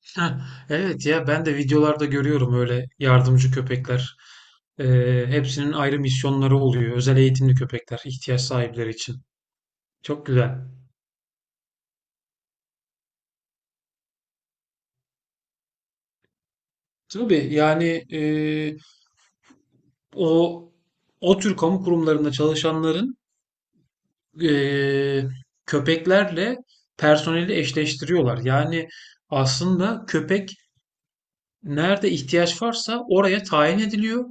Heh, evet ya ben de videolarda görüyorum öyle yardımcı köpekler. Hepsinin ayrı misyonları oluyor. Özel eğitimli köpekler ihtiyaç sahipleri için. Çok güzel. Tabii yani o o tür kamu kurumlarında çalışanların, e, köpeklerle personeli eşleştiriyorlar. Yani aslında köpek nerede ihtiyaç varsa oraya tayin ediliyor.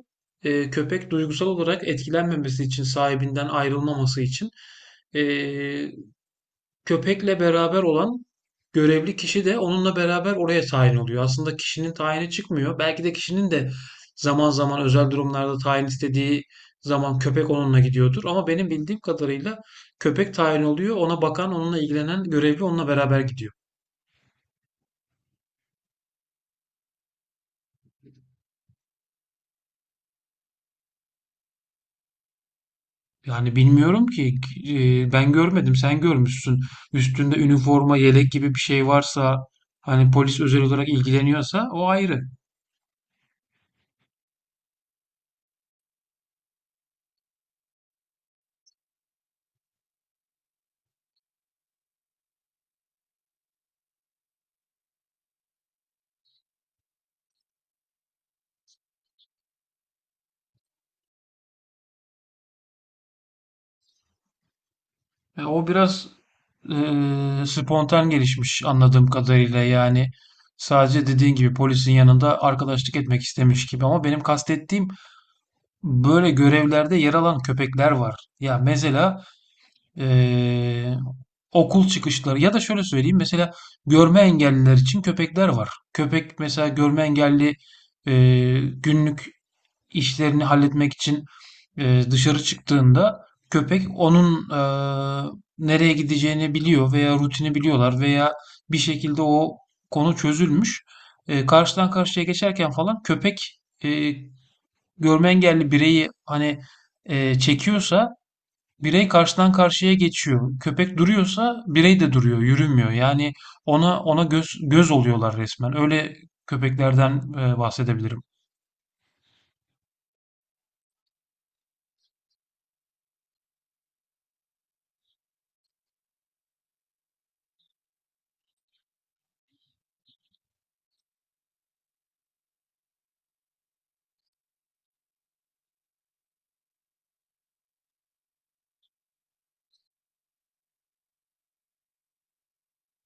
Köpek duygusal olarak etkilenmemesi için, sahibinden ayrılmaması için. Ee, Köpekle beraber olan görevli kişi de onunla beraber oraya tayin oluyor. Aslında kişinin tayini çıkmıyor. Belki de kişinin de zaman zaman özel durumlarda tayin istediği zaman köpek onunla gidiyordur. Ama benim bildiğim kadarıyla köpek tayin oluyor. Ona bakan, onunla ilgilenen görevli onunla beraber gidiyor. Yani bilmiyorum ki, ben görmedim sen görmüşsün. Üstünde üniforma, yelek gibi bir şey varsa, hani polis özel olarak ilgileniyorsa o ayrı. O biraz, e, spontan gelişmiş anladığım kadarıyla. Yani sadece dediğin gibi polisin yanında arkadaşlık etmek istemiş gibi. Ama benim kastettiğim, böyle görevlerde yer alan köpekler var. Ya mesela eee, okul çıkışları, ya da şöyle söyleyeyim, mesela görme engelliler için köpekler var. Köpek mesela görme engelli günlük işlerini halletmek için dışarı çıktığında, köpek onun nereye gideceğini biliyor veya rutini biliyorlar veya bir şekilde o konu çözülmüş. Karşıdan karşıya geçerken falan köpek, görme engelli bireyi hani, çekiyorsa birey karşıdan karşıya geçiyor. Köpek duruyorsa birey de duruyor, yürümüyor. Yani ona göz göz oluyorlar resmen. Öyle köpeklerden bahsedebilirim.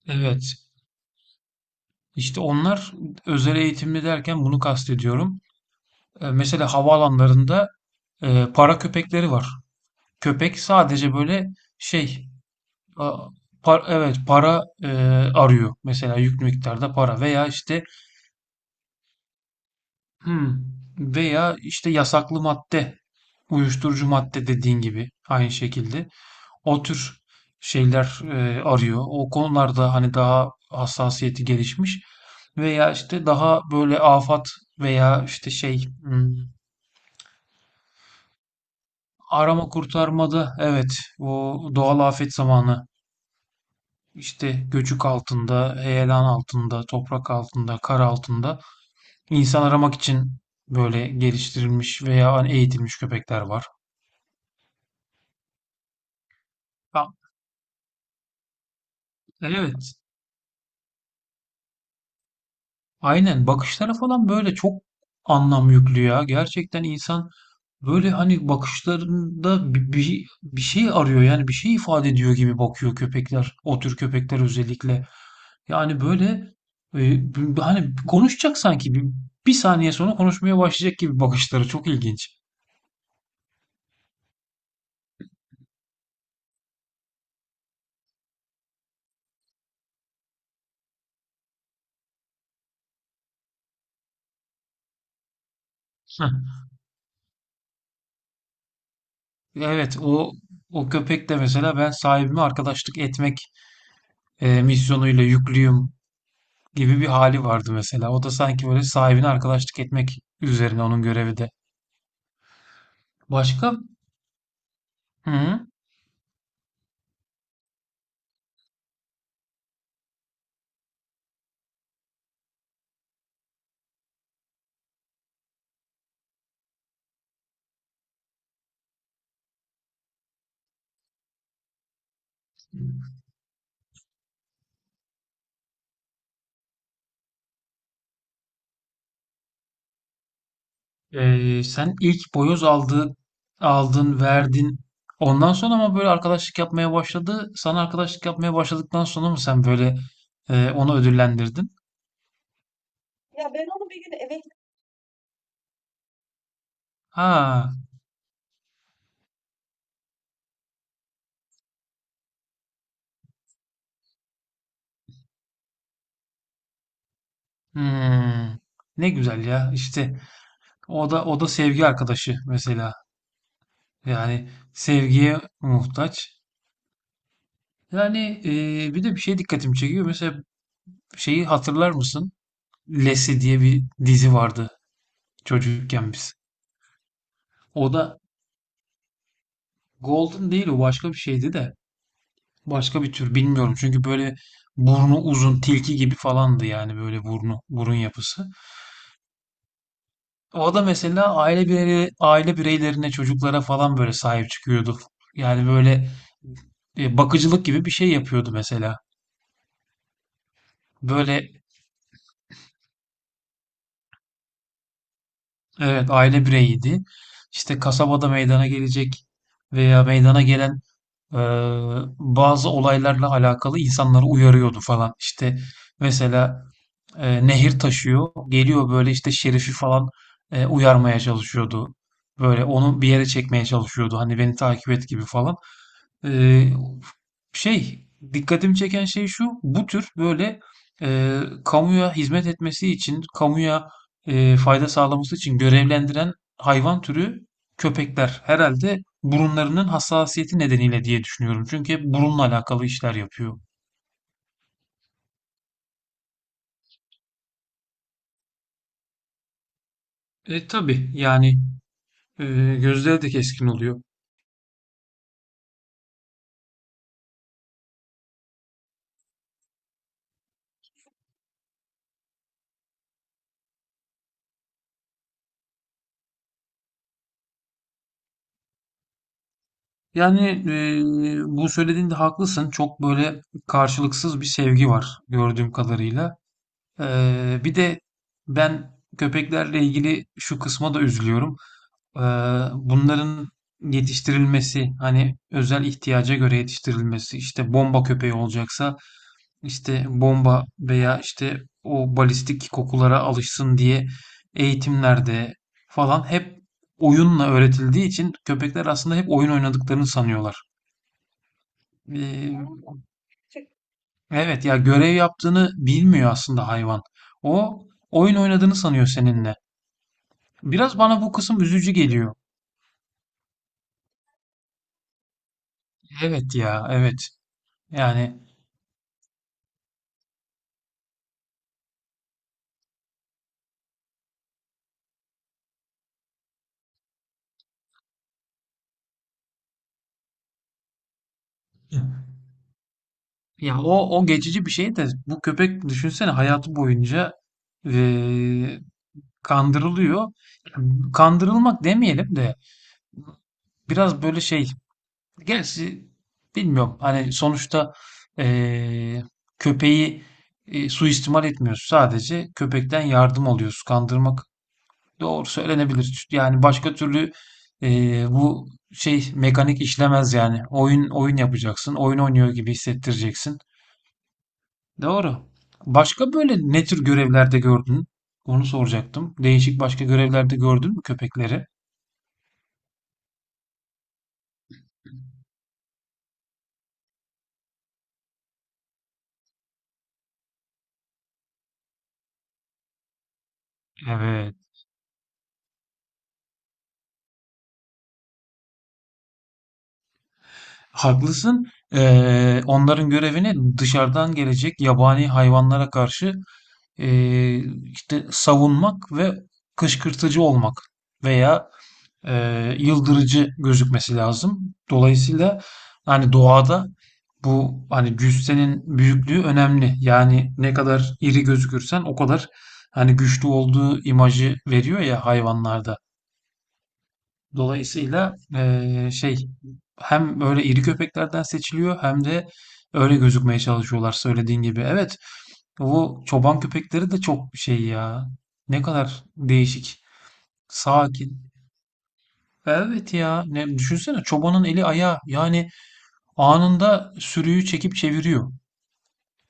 Evet. İşte onlar, özel eğitimli derken bunu kastediyorum. Mesela havaalanlarında, para köpekleri var. Köpek sadece böyle şey a- evet para arıyor. Mesela yüklü miktarda para veya işte. Hmm. Veya işte yasaklı madde, uyuşturucu madde, dediğin gibi aynı şekilde o tür şeyler arıyor. O konularda hani daha hassasiyeti gelişmiş veya işte daha böyle afat veya işte arama kurtarmada, evet, o doğal afet zamanı, işte göçük altında, heyelan altında, toprak altında, kar altında insan aramak için böyle geliştirilmiş veya hani eğitilmiş köpekler var. Tamam. Evet. Aynen. Bakışlara falan böyle çok anlam yüklü ya. Gerçekten insan böyle hani bakışlarında bir şey arıyor, yani bir şey ifade ediyor gibi bakıyor köpekler. O tür köpekler özellikle. Yani böyle, hani konuşacak sanki, bir saniye sonra konuşmaya başlayacak gibi. Bakışları çok ilginç. Heh. Evet, o köpek de mesela, ben sahibime arkadaşlık etmek misyonuyla yüklüyüm gibi bir hali vardı mesela. O da sanki böyle sahibine arkadaşlık etmek üzerine onun görevi de. Başka? Hı hı. Sen ilk boyoz aldın, verdin. Ondan sonra ama böyle arkadaşlık yapmaya başladı. Sana arkadaşlık yapmaya başladıktan sonra mı sen böyle, onu ödüllendirdin? Ha, hmm. Ne güzel ya. İşte o da sevgi arkadaşı mesela. Yani sevgiye muhtaç. Yani, bir de bir şey dikkatimi çekiyor. Mesela şeyi hatırlar mısın? Lassie diye bir dizi vardı çocukken biz. O da Golden değil, o başka bir şeydi de. Başka bir tür bilmiyorum. Çünkü böyle burnu uzun tilki gibi falandı yani böyle burun yapısı. O da mesela aile bireylerine, çocuklara falan böyle sahip çıkıyordu. Yani böyle, bakıcılık gibi bir şey yapıyordu mesela. Böyle evet, aile bireyiydi. İşte kasabada meydana gelecek veya meydana gelen eee, bazı olaylarla alakalı insanları uyarıyordu falan. İşte mesela nehir taşıyor. Geliyor böyle işte Şerif'i falan uyarmaya çalışıyordu. Böyle onu bir yere çekmeye çalışıyordu. Hani beni takip et gibi falan. Ee, şey Dikkatimi çeken şey şu: bu tür böyle, kamuya hizmet etmesi için, kamuya fayda sağlaması için görevlendiren hayvan türü, köpekler, herhalde burunlarının hassasiyeti nedeniyle diye düşünüyorum. Çünkü hep burunla alakalı işler yapıyor. E tabii yani, e, gözleri de keskin oluyor. Yani, bu söylediğinde haklısın. Çok böyle karşılıksız bir sevgi var gördüğüm kadarıyla. Bir de ben köpeklerle ilgili şu kısma da üzülüyorum. Ee, Bunların yetiştirilmesi, hani özel ihtiyaca göre yetiştirilmesi, işte bomba köpeği olacaksa işte bomba veya işte o balistik kokulara alışsın diye eğitimlerde falan hep oyunla öğretildiği için, köpekler aslında hep oyun oynadıklarını sanıyorlar. Ee, evet ya, görev yaptığını bilmiyor aslında hayvan. O oyun oynadığını sanıyor seninle. Biraz bana bu kısım üzücü geliyor. Evet ya, evet. Yani ya, o geçici bir şey de, bu köpek düşünsene, hayatı boyunca eee, kandırılıyor. Kandırılmak demeyelim de biraz böyle şey. Gerçi bilmiyorum. Hani sonuçta eee, köpeği suistimal etmiyoruz. Sadece köpekten yardım alıyoruz. Kandırmak doğru söylenebilir. Yani başka türlü bu şey mekanik işlemez yani. Oyun yapacaksın. Oyun oynuyor gibi hissettireceksin. Doğru. Başka böyle ne tür görevlerde gördün? Onu soracaktım. Değişik başka görevlerde gördün mü köpekleri? Evet. Haklısın. Onların görevini dışarıdan gelecek yabani hayvanlara karşı eee, işte savunmak ve kışkırtıcı olmak veya, e, yıldırıcı gözükmesi lazım. Dolayısıyla hani doğada, bu hani cüssenin büyüklüğü önemli. Yani ne kadar iri gözükürsen o kadar hani güçlü olduğu imajı veriyor ya hayvanlarda. Dolayısıyla, hem öyle iri köpeklerden seçiliyor, hem de öyle gözükmeye çalışıyorlar söylediğin gibi. Evet, bu çoban köpekleri de çok şey ya. Ne kadar değişik. Sakin. Evet ya, ne düşünsene, çobanın eli ayağı yani. Anında sürüyü çekip çeviriyor.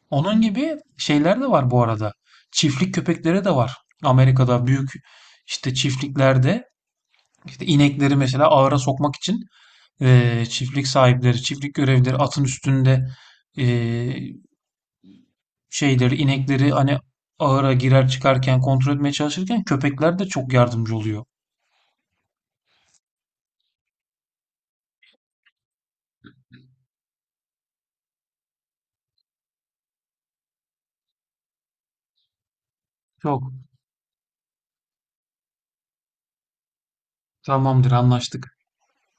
Onun gibi şeyler de var bu arada. Çiftlik köpekleri de var. Amerika'da büyük işte çiftliklerde, işte inekleri mesela ahıra sokmak için çiftlik sahipleri, çiftlik görevlileri atın üstünde eee, şeyleri inekleri hani ahıra girer çıkarken kontrol etmeye çalışırken, köpekler de çok yardımcı oluyor. Çok. Tamamdır, anlaştık.